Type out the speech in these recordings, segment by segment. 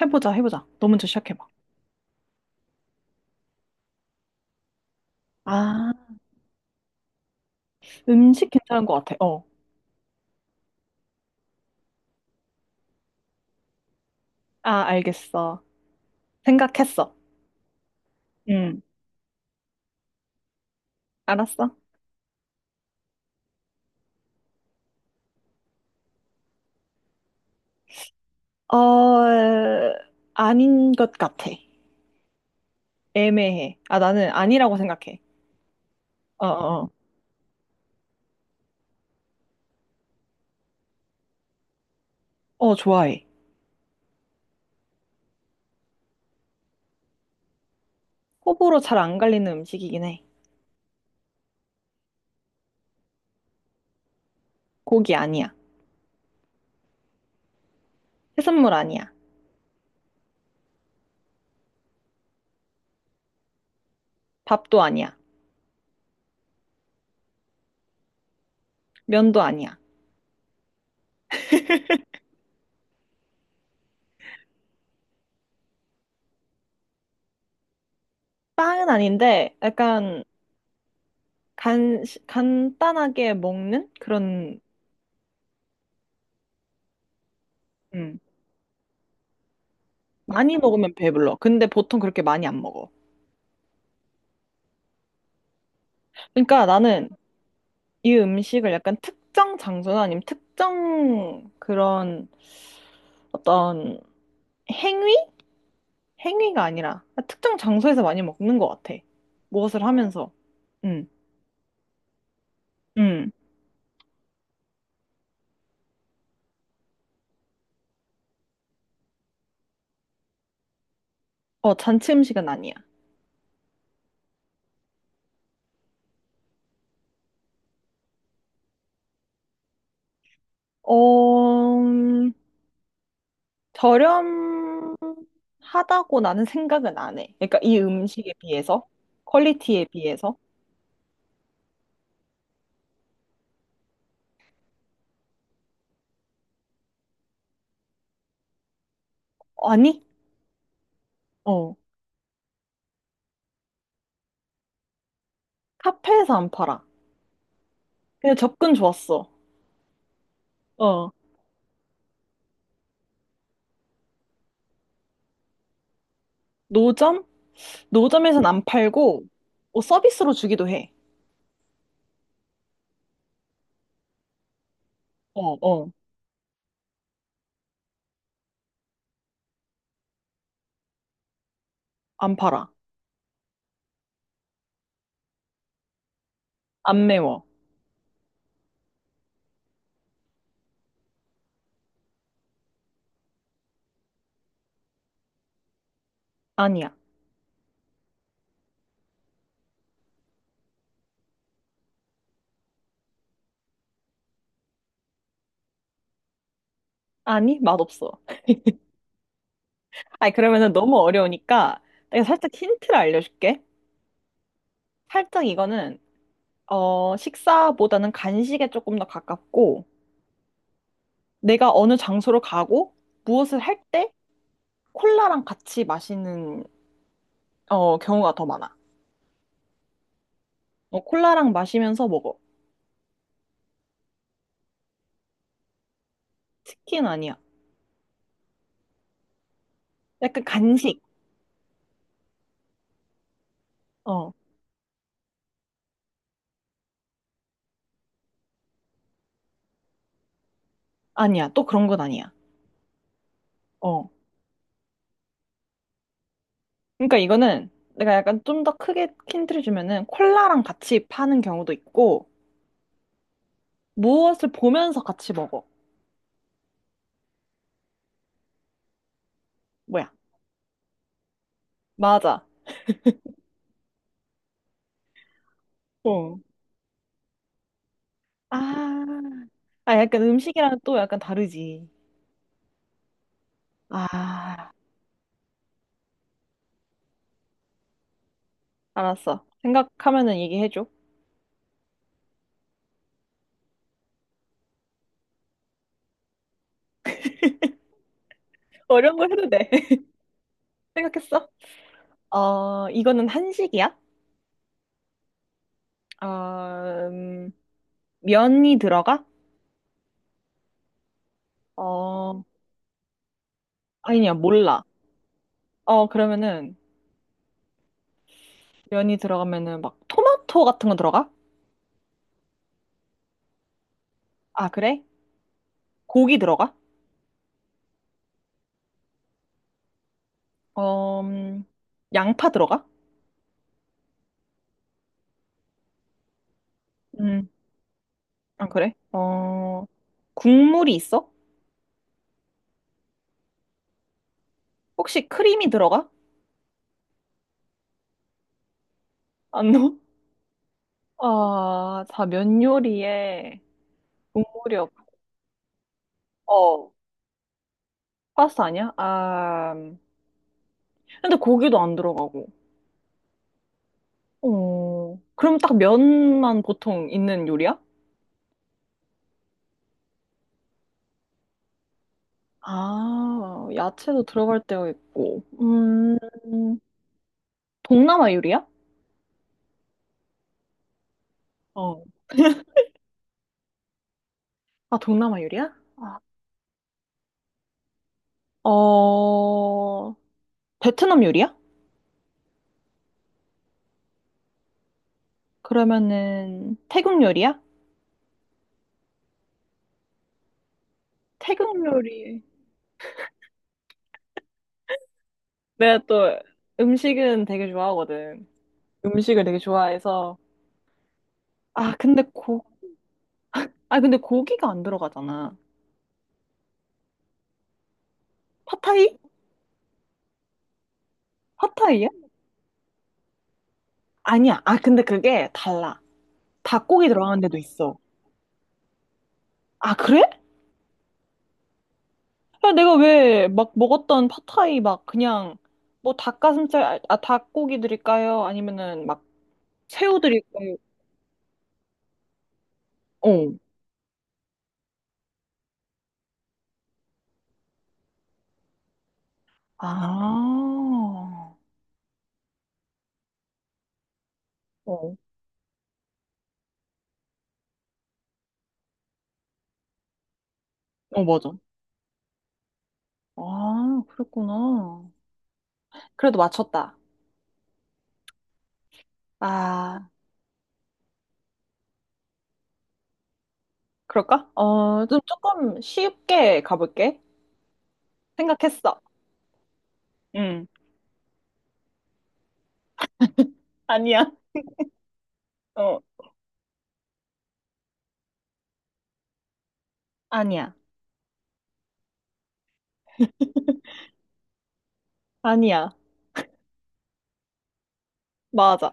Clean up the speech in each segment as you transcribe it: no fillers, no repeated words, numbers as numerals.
해보자, 해보자. 너 먼저 시작해봐. 아, 음식 괜찮은 것 같아. 어. 아, 알겠어. 생각했어. 응, 알았어. 어, 아닌 것 같아. 애매해. 아, 나는 아니라고 생각해. 어, 어. 어, 좋아해. 호불호 잘 안 갈리는 음식이긴 해. 고기 아니야. 해산물 아니야. 밥도 아니야. 면도 아니야. 빵은 아닌데, 약간 간단하게 먹는 그런, 음. 많이 먹으면 배불러. 근데 보통 그렇게 많이 안 먹어. 그러니까 나는 이 음식을 약간 특정 장소나 아니면 특정 그런 어떤 행위? 행위가 아니라 특정 장소에서 많이 먹는 것 같아. 무엇을 하면서. 응, 응. 어, 잔치 음식은 아니야. 어, 저렴하다고 나는 생각은 안 해. 그러니까 이 음식에 비해서, 퀄리티에 비해서. 아니, 어, 카페에서 안 팔아. 그냥 접근 좋았어. 어, 노점? 노점에선 안 팔고 어, 서비스로 주기도 해. 어, 어. 안 팔아. 안 매워. 아니야. 아니, 맛없어. 아니, 그러면은 너무 어려우니까 내가 살짝 힌트를 알려줄게. 살짝 이거는 어, 식사보다는 간식에 조금 더 가깝고 내가 어느 장소로 가고 무엇을 할 때 콜라랑 같이 마시는 어, 경우가 더 많아. 어, 콜라랑 마시면서 먹어. 치킨 아니야. 약간 간식. 어, 아니야. 또 그런 건 아니야. 어. 그러니까 이거는 내가 약간 좀 더 크게 힌트를 주면은 콜라랑 같이 파는 경우도 있고 무엇을 보면서 같이 먹어. 뭐야? 맞아. 어. 아, 아 약간 음식이랑 또 약간 다르지. 아, 알았어. 생각하면은 얘기해줘. 어려운 거 해도 돼. 생각했어? 어, 이거는 한식이야? 어, 음, 면이 들어가? 어, 아니야, 몰라. 어, 그러면은 면이 들어가면은 막 토마토 같은 거 들어가? 아, 그래? 고기 들어가? 어, 양파 들어가? 음, 아, 그래? 어, 국물이 있어? 혹시 크림이 들어가? 안 넣어? 아, 다 면 요리에 국물이 없, 어, 파스타 아니야? 아, 근데 고기도 안 들어가고. 어, 그럼 딱 면만 보통 있는 요리야? 아, 야채도 들어갈 때가 있고. 동남아 요리야? 어. 아, 동남아 요리야? 아. 어, 베트남 요리야? 그러면은 태국 요리야? 태국 요리. 내가 또 음식은 되게 좋아하거든. 음식을 되게 좋아해서. 아, 아, 근데 고기가 안 들어가잖아. 팟타이? 팟타이야? 아니야. 아, 근데 그게 달라. 닭고기 들어가는 데도 있어. 아, 그래? 야, 내가 왜 막 먹었던 팟타이 막 그냥 뭐 닭가슴살, 닭고기 드릴까요? 아니면은 막 새우 드릴까요? 어. 아. 어. 어, 맞아. 아, 그랬구나. 그래도 맞췄다. 아, 그럴까? 어, 좀 조금 쉽게 가볼게. 생각했어. 응. 아니야. 어. 아니야. 아니야. 맞아.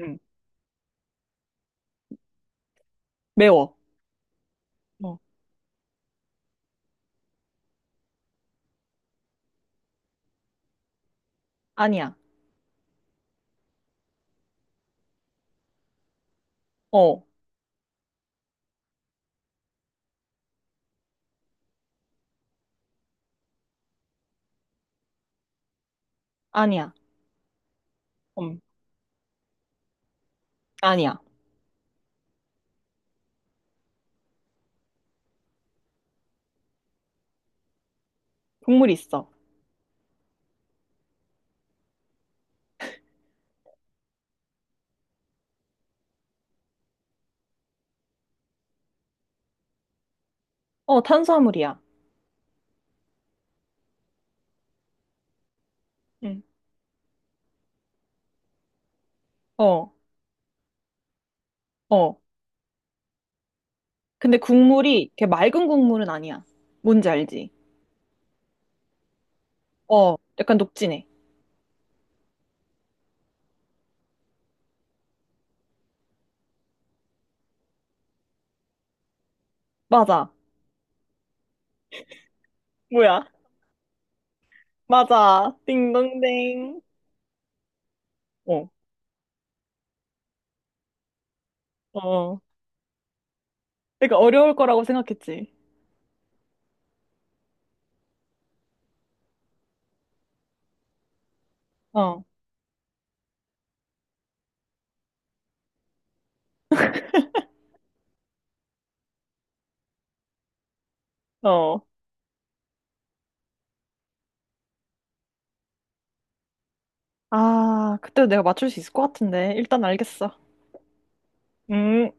응. 매워. 어. 아니야. 어. 아니야. 음. 아니야. 국물 있어. 어, 탄수화물이야. 응. 어. 어. 근데 국물이 이렇게 맑은 국물은 아니야. 뭔지 알지? 어. 약간 녹진해. 맞아. 뭐야? 맞아. 띵동댕. 어. 어. 그러니까 어려울 거라고 생각했지. 어. 어. 아, 그때 내가 맞출 수 있을 것 같은데. 일단 알겠어. 음.